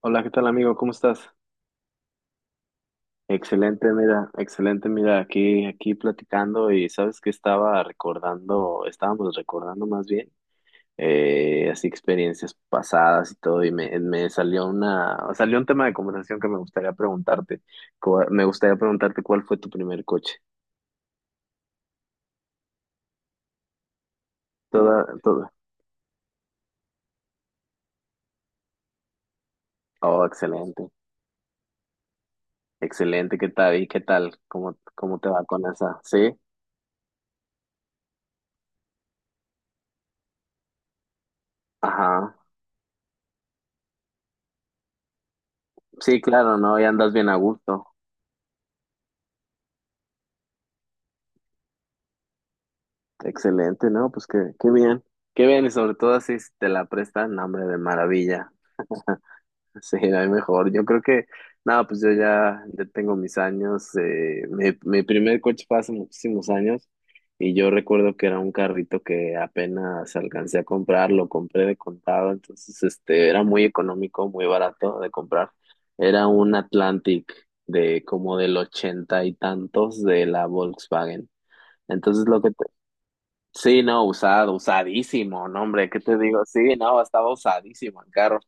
Hola, ¿qué tal amigo? ¿Cómo estás? Excelente, mira, aquí platicando. Y sabes que estaba recordando, estábamos recordando más bien, así experiencias pasadas y todo. Y me salió una, salió un tema de conversación que me gustaría preguntarte. ¿Cuál fue tu primer coche? Toda, toda. Oh, excelente, excelente, ¿qué tal? ¿Y qué tal? ¿Cómo te va con esa? ¿Sí? Ajá. Sí, claro, ¿no? Y andas bien a gusto. Excelente, ¿no? Pues qué bien, qué bien, y sobre todo si te la prestan, hambre de maravilla. Sí, no hay mejor. Yo creo que, nada, pues yo ya, ya tengo mis años. Mi primer coche fue hace muchísimos años, y yo recuerdo que era un carrito que apenas alcancé a comprar, lo compré de contado. Entonces este, era muy económico, muy barato de comprar. Era un Atlantic de como del ochenta y tantos, de la Volkswagen. Entonces lo que... Sí, no, usado, usadísimo. No, hombre, ¿qué te digo? Sí, no, estaba usadísimo el carro.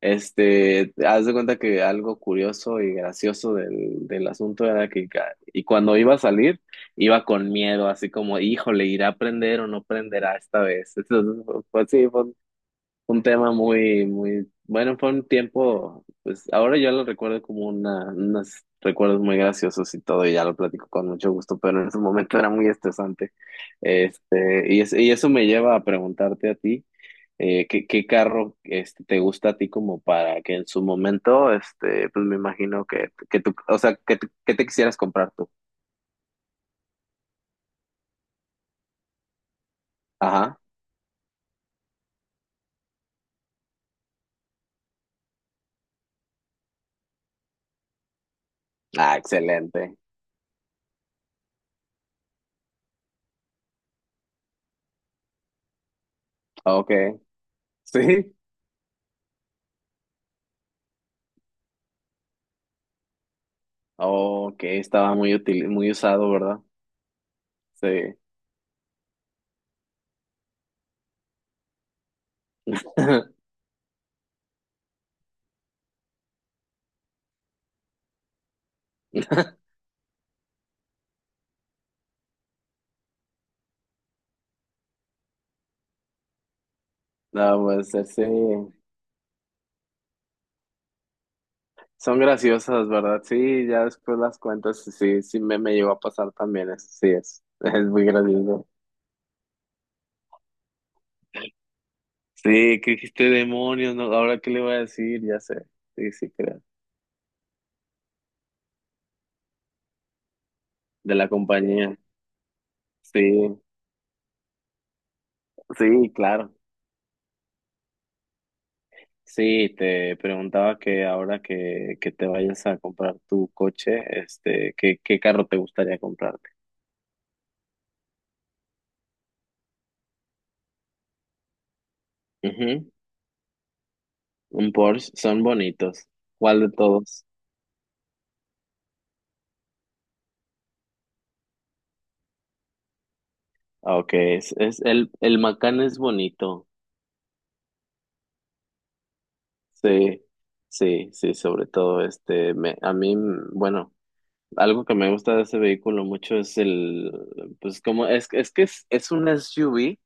Este, haz de cuenta que algo curioso y gracioso del asunto era que cuando iba a salir, iba con miedo, así como, híjole, ¿irá a prender o no prenderá esta vez? Entonces, pues sí, fue un tema muy, muy, bueno, fue un tiempo. Pues ahora yo lo recuerdo como unos recuerdos muy graciosos y todo, y ya lo platico con mucho gusto, pero en ese momento era muy estresante. Este, y eso me lleva a preguntarte a ti. Qué carro, este, te gusta a ti como para que en su momento, este, pues me imagino que, tú, o sea, que te quisieras comprar tú? Ajá. Ah, excelente. Ok. Sí. Ok, estaba muy útil, muy usado, ¿verdad? Sí. No, pues sí. Son graciosas, ¿verdad? Sí, ya después las cuentas, sí, sí me llegó a pasar también. Eso sí es, es muy gracioso. Sí, que dijiste, demonios, ¿no? Ahora qué le voy a decir, ya sé. Sí, sí, creo. De la compañía. Sí, sí, claro. Sí, te preguntaba que ahora que, te vayas a comprar tu coche, este, ¿qué carro te gustaría comprarte? Ujú. Un Porsche, son bonitos. ¿Cuál de todos? Ah, okay, es el Macán es bonito. Sí, sí, sí, sobre todo este, a mí, bueno, algo que me gusta de ese vehículo mucho es el, pues como, es que es un SUV,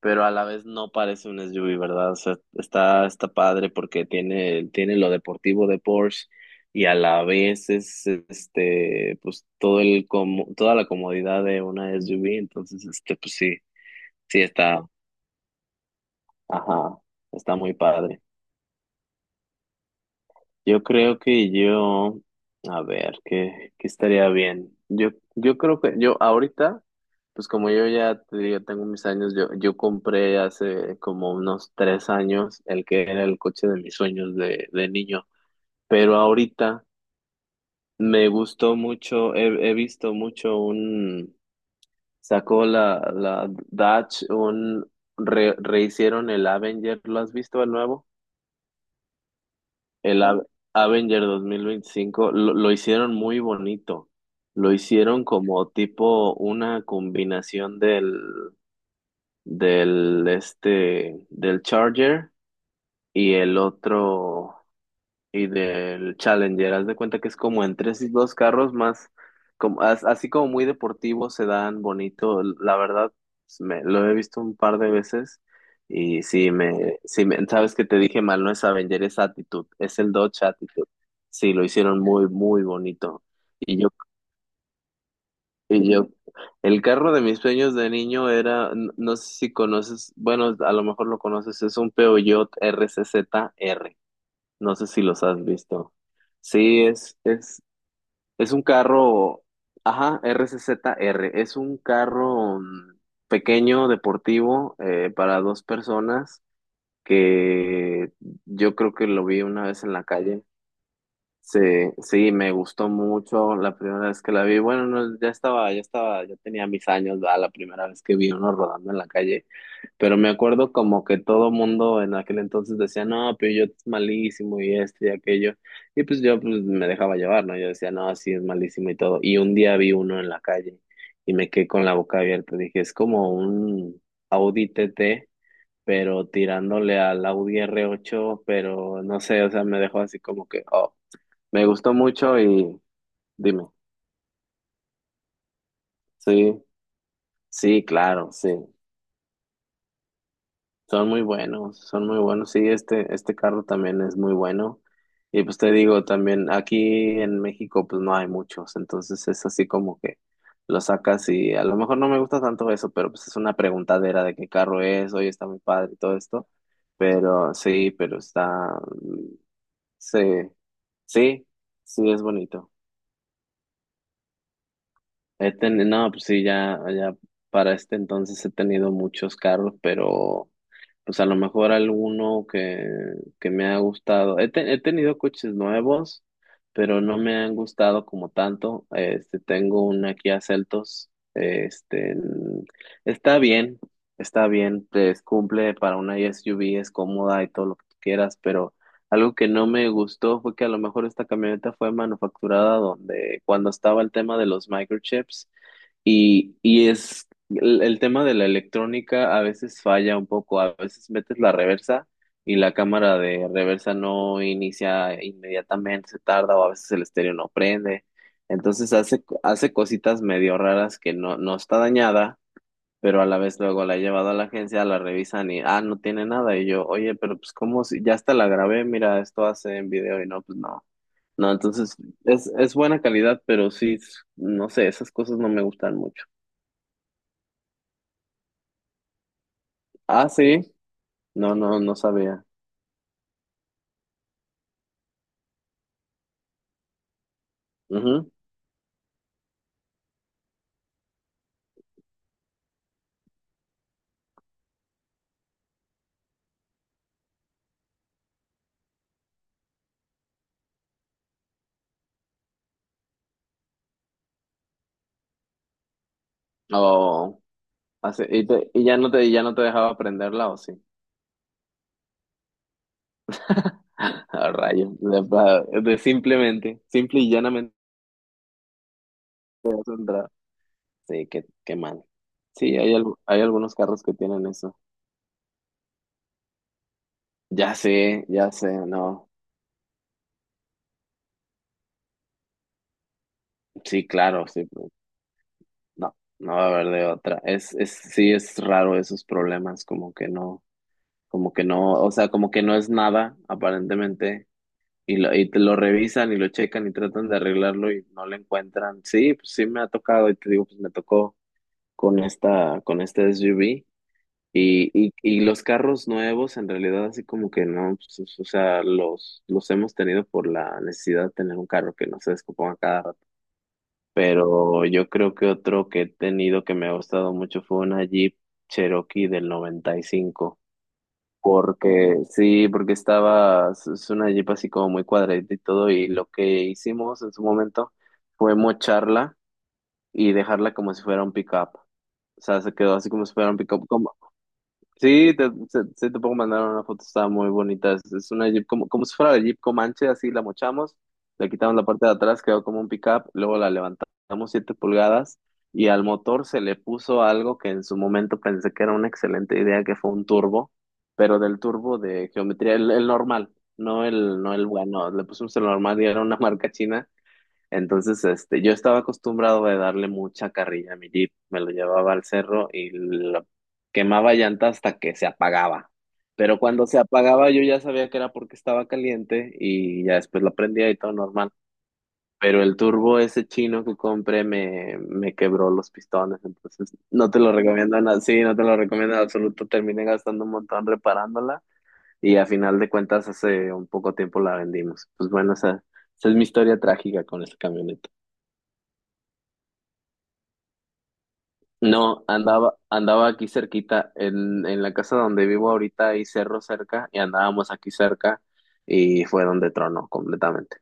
pero a la vez no parece un SUV, ¿verdad? O sea, está padre porque tiene lo deportivo de Porsche, y a la vez es, este, pues todo el, como, toda la comodidad de una SUV. Entonces, este, pues sí, sí está, ajá, está muy padre. Yo creo que yo, a ver, ¿qué estaría bien? Yo creo que yo ahorita, pues como yo ya te digo, tengo mis años. Yo compré hace como unos 3 años el que era el coche de mis sueños de niño, pero ahorita me gustó mucho. He visto mucho un... Sacó la Dodge, un... Rehicieron el Avenger, ¿lo has visto el nuevo? El A Avenger 2025 lo hicieron muy bonito. Lo hicieron como tipo una combinación del, del Charger y el otro, y del Challenger. Haz de cuenta que es como en tres y dos carros más, como, así como muy deportivo, se dan bonito. La verdad, pues, lo he visto un par de veces, y sí me, sabes que te dije mal, no es Avenger, es Attitude, es el Dodge Attitude. Sí, lo hicieron muy, muy bonito. Y yo, y yo, el carro de mis sueños de niño era, no sé si conoces, bueno, a lo mejor lo conoces, es un Peugeot RCZR. No sé si los has visto. Sí, es un carro, ajá, RCZR, es un carro, pequeño, deportivo, para dos personas, que yo creo que lo vi una vez en la calle. Sí, sí, me gustó mucho la primera vez que la vi. Bueno, no, ya tenía mis años, ¿verdad? La primera vez que vi uno rodando en la calle. Pero me acuerdo como que todo mundo en aquel entonces decía, no, pero yo es malísimo y esto y aquello. Y pues yo pues, me dejaba llevar, ¿no? Yo decía, no, sí, es malísimo y todo. Y un día vi uno en la calle y me quedé con la boca abierta. Dije, es como un Audi TT, pero tirándole al Audi R8, pero no sé, o sea, me dejó así como que, oh. Me gustó mucho y dime, sí, sí, claro, sí, son muy buenos, sí, este, carro también es muy bueno. Y pues te digo, también aquí en México pues no hay muchos, entonces es así como que lo sacas y a lo mejor no me gusta tanto eso, pero pues es una preguntadera de qué carro es. Oye, está muy padre y todo esto, pero sí, pero está, mm, sí, sí, sí, es bonito. No, pues sí, ya para este entonces he tenido muchos carros, pero pues a lo mejor alguno que me ha gustado. He tenido coches nuevos, pero no me han gustado como tanto. Este, tengo una Kia Celtos. Este, está bien, está bien, pues cumple para una SUV, es cómoda y todo lo que tú quieras, pero algo que no me gustó fue que a lo mejor esta camioneta fue manufacturada donde cuando estaba el tema de los microchips. Y es el tema de la electrónica a veces falla un poco, a veces metes la reversa y la cámara de reversa no inicia inmediatamente, se tarda, o a veces el estéreo no prende. Entonces hace cositas medio raras que no está dañada, pero a la vez luego la he llevado a la agencia, la revisan y, ah, no tiene nada. Y yo, oye, pero pues cómo, si ya hasta la grabé, mira, esto hace en video. Y no, pues no. No, entonces es buena calidad, pero sí, no sé, esas cosas no me gustan mucho. Ah, sí. No, no, no sabía. Ujú. Oh, así. ¿Y ya no te dejaba aprenderla, o sí? A rayos. De, pa- de Simplemente, simple y llanamente te vas a entrar. Sí, qué mal. Sí, hay, algunos carros que tienen eso. Ya sé, no. Sí, claro, sí. Pues, no, no va a haber de otra. Sí, es raro esos problemas, como que no, o sea, como que no es nada, aparentemente, y te lo revisan y lo checan y tratan de arreglarlo y no lo encuentran. Sí, pues sí me ha tocado y te digo, pues me tocó con este SUV. Y los carros nuevos, en realidad, así como que no, pues, o sea, los hemos tenido por la necesidad de tener un carro que no se descomponga cada rato. Pero yo creo que otro que he tenido que me ha gustado mucho fue una Jeep Cherokee del 95. Porque sí, porque estaba, es una Jeep así como muy cuadradita y todo, y lo que hicimos en su momento fue mocharla y dejarla como si fuera un pickup. O sea, se quedó así como si fuera un pickup. Sí, sí te puedo mandar una foto, está muy bonita. Es una Jeep como si fuera la Jeep Comanche, así la mochamos, le quitamos la parte de atrás, quedó como un pickup, luego la levantamos 7 pulgadas, y al motor se le puso algo que en su momento pensé que era una excelente idea, que fue un turbo, pero del turbo de geometría, el normal, no el bueno, le pusimos el normal, y era una marca china. Entonces, este, yo estaba acostumbrado a darle mucha carrilla a mi Jeep, me lo llevaba al cerro y lo quemaba llanta hasta que se apagaba. Pero cuando se apagaba yo ya sabía que era porque estaba caliente, y ya después lo prendía y todo normal. Pero el turbo ese chino que compré me quebró los pistones, entonces no te lo recomiendo nada, sí, no te lo recomiendo en absoluto. Terminé gastando un montón reparándola y a final de cuentas hace un poco tiempo la vendimos. Pues bueno, esa es mi historia trágica con esa camioneta. No, andaba aquí cerquita, en la casa donde vivo ahorita hay cerro cerca y andábamos aquí cerca, y fue donde tronó completamente.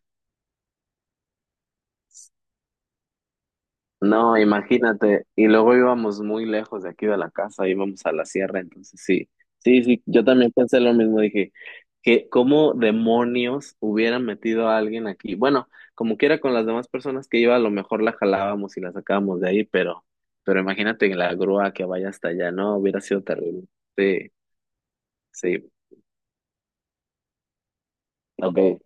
No, imagínate, y luego íbamos muy lejos de aquí de la casa, íbamos a la sierra. Entonces sí, sí, sí, yo también pensé lo mismo, dije, que cómo demonios hubieran metido a alguien aquí. Bueno, como quiera con las demás personas que iba, a lo mejor la jalábamos y la sacábamos de ahí, pero imagínate en la grúa que vaya hasta allá, no, hubiera sido terrible. Sí. Sí, ok.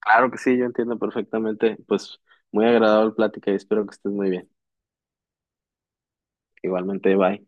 Claro que sí, yo entiendo perfectamente. Pues muy agradable plática y espero que estés muy bien. Igualmente, bye.